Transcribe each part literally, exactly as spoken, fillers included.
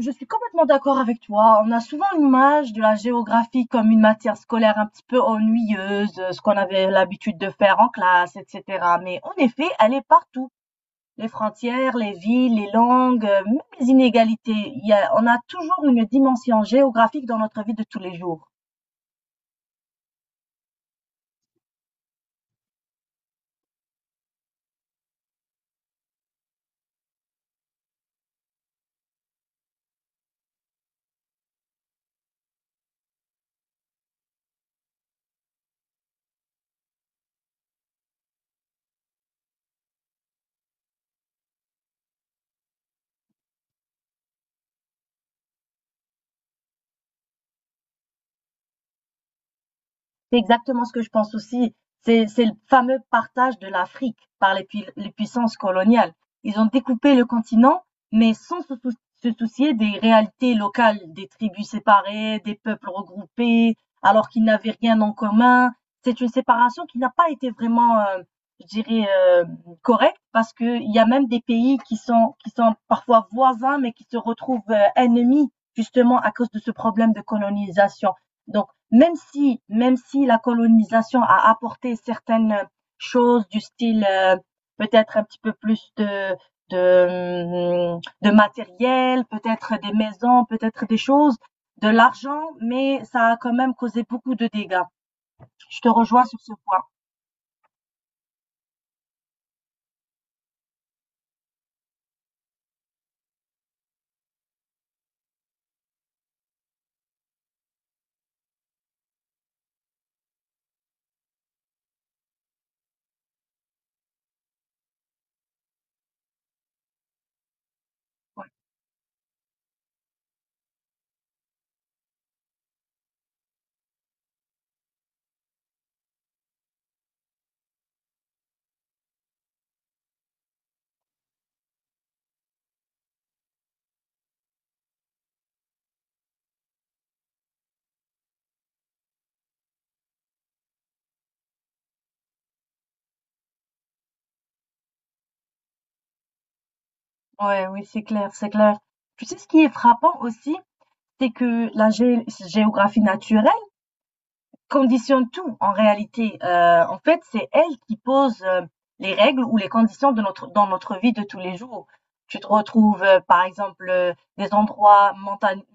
Je suis complètement d'accord avec toi. On a souvent l'image de la géographie comme une matière scolaire un petit peu ennuyeuse, euh, ce qu'on avait l'habitude de faire en classe, et cetera. Mais en effet, elle est partout. Les frontières, les villes, les langues, euh, même les inégalités. Il y a- on a toujours une dimension géographique dans notre vie de tous les jours. C'est exactement ce que je pense aussi. C'est, c'est le fameux partage de l'Afrique par les, pui- les puissances coloniales. Ils ont découpé le continent, mais sans se, sou- se soucier des réalités locales, des tribus séparées, des peuples regroupés, alors qu'ils n'avaient rien en commun. C'est une séparation qui n'a pas été vraiment, euh, je dirais, euh, correcte, parce qu'il y a même des pays qui sont, qui sont parfois voisins, mais qui se retrouvent euh, ennemis, justement, à cause de ce problème de colonisation. Donc, même si même si la colonisation a apporté certaines choses du style, heu, peut-être un petit peu plus de de, mmh, de matériel, peut-être des maisons, peut-être des choses, de l'argent, mais ça a quand même causé beaucoup de dégâts. Je te rejoins sur ce point. Ouais. Ouais, oui, c'est clair, c'est clair. Tu sais, ce qui est frappant aussi, c'est que la gé géographie naturelle conditionne tout en réalité. Euh, en fait, c'est elle qui pose euh, les règles ou les conditions de notre, dans notre vie de tous les jours. Tu te retrouves, euh, par exemple, euh, des endroits montagneux,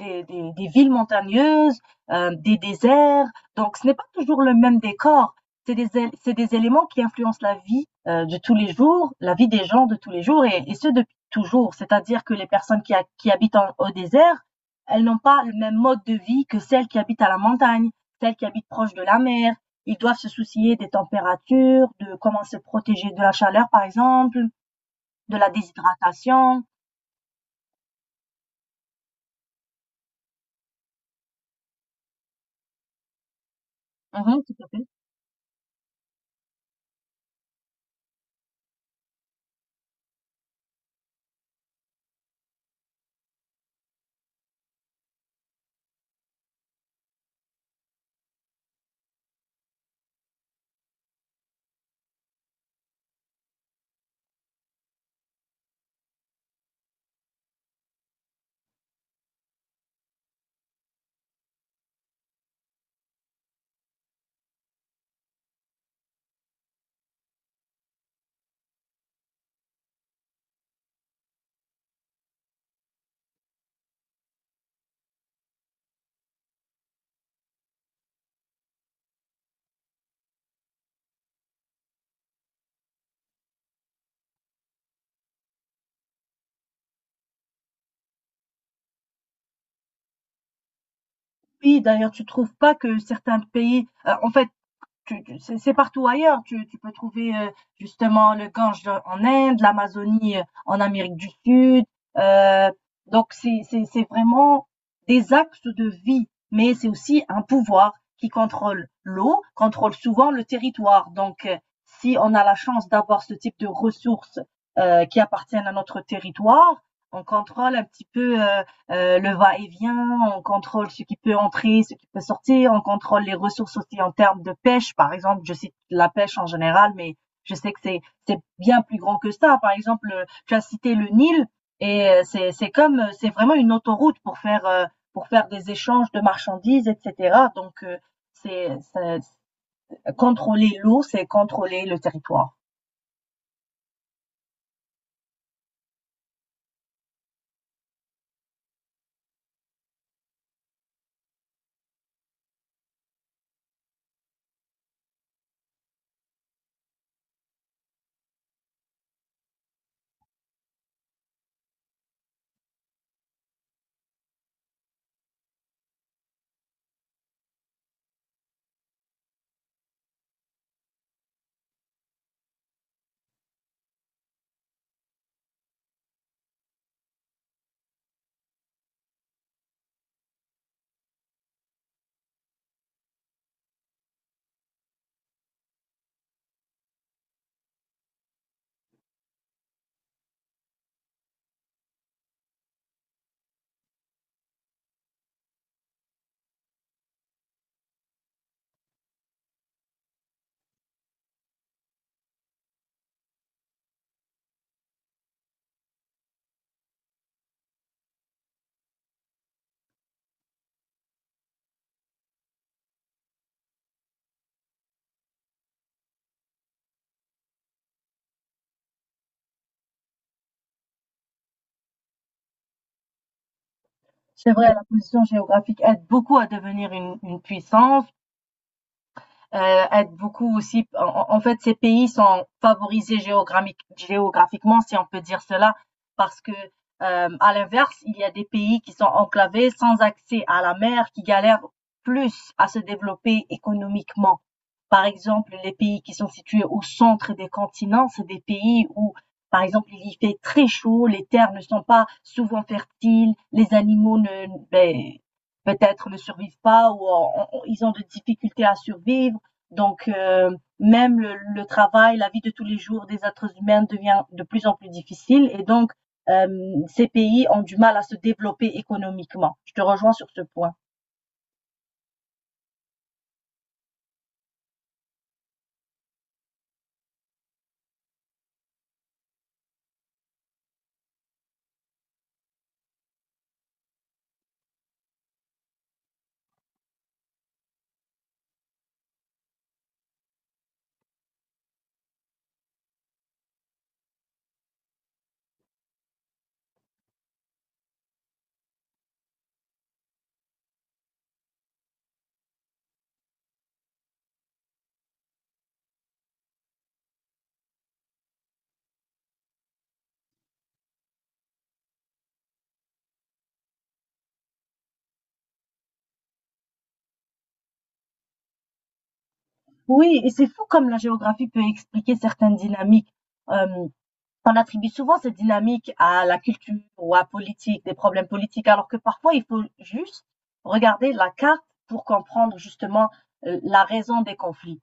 des, des, des villes montagneuses, euh, des déserts. Donc, ce n'est pas toujours le même décor. C'est des, él- c'est des éléments qui influencent la vie euh, de tous les jours, la vie des gens de tous les jours, et, et ce depuis toujours. C'est-à-dire que les personnes qui, ha- qui habitent en- au désert, elles n'ont pas le même mode de vie que celles qui habitent à la montagne, celles qui habitent proche de la mer. Ils doivent se soucier des températures, de comment se protéger de la chaleur, par exemple, de la déshydratation. Mhm, tout à fait. Oui, d'ailleurs, tu trouves pas que certains pays, heu, en fait, tu tu c'est c'est partout ailleurs. Tu tu peux trouver, heu, justement le Gange de- en Inde, l'Amazonie, heu, en Amérique du Sud, heu, donc c'est c'est c'est vraiment des axes de vie, mais c'est aussi un pouvoir qui contrôle l'eau, contrôle souvent le territoire, donc heu, si on a la chance d'avoir ce type de ressources, heu, qui appartiennent à notre territoire, on contrôle un petit peu, heu euh, le va-et-vient, on contrôle ce qui peut entrer, ce qui peut sortir, on contrôle les ressources aussi en termes de pêche, par exemple, je cite la pêche en général, mais je sais que c'est, c'est bien plus grand que ça. Par exemple, tu as cité le Nil, et euh, c'est, c'est comme, euh, c'est vraiment une autoroute pour faire, euh, pour faire des échanges de marchandises, et cetera. Donc, euh, c'est, c'est- contrôler l'eau, c'est contrôler le territoire. C'est vrai, la position géographique aide beaucoup à devenir une, une puissance, euh, aide beaucoup aussi. En, en fait, ces pays sont favorisés géographiquement, si on peut dire cela, parce que, euh, à l'inverse, il y a des pays qui sont enclavés, sans accès à la mer, qui galèrent plus à se développer économiquement. Par exemple, les pays qui sont situés au centre des continents, c'est des pays où, par exemple, il y fait très chaud, les terres ne sont pas souvent fertiles, les animaux ne, ben, peut-être ne survivent pas ou en- en- ils ont des difficultés à survivre, donc, euh, même le, le, travail, la vie de tous les jours des êtres humains devient de plus en plus difficile et donc, euh, ces pays ont du mal à se développer économiquement. Je te rejoins sur ce point. Oui, et c'est fou comme la géographie peut expliquer certaines dynamiques. Euh, on attribue souvent cette dynamique à la culture ou à la politique, des problèmes politiques, alors que parfois il faut juste regarder la carte pour comprendre justement euh, la raison des conflits.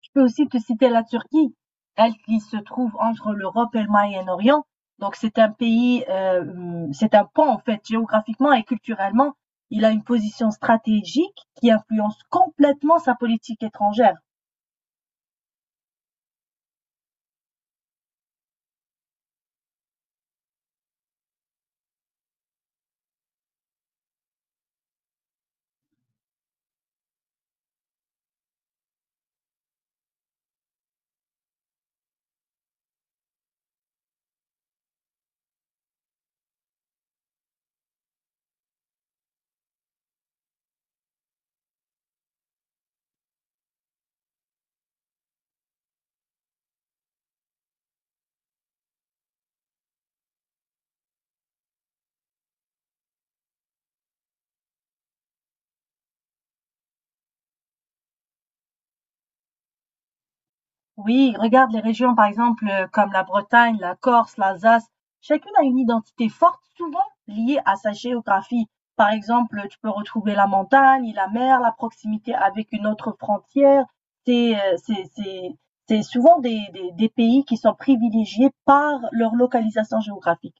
Je peux aussi te citer la Turquie, elle qui se trouve entre l'Europe et le Moyen-Orient. Donc c'est un pays, euh, hum, c'est un pont en fait, géographiquement et culturellement. Il a une position stratégique qui influence complètement sa politique étrangère. Oui, regarde les régions, par exemple, euh, comme la Bretagne, la Corse, l'Alsace. Chacune a une identité forte, souvent liée à sa géographie. Par exemple, tu peux retrouver la montagne, la mer, la proximité avec une autre frontière. C'est, euh, c'est, c'est, c'est souvent des, des, des pays qui sont privilégiés par leur localisation géographique.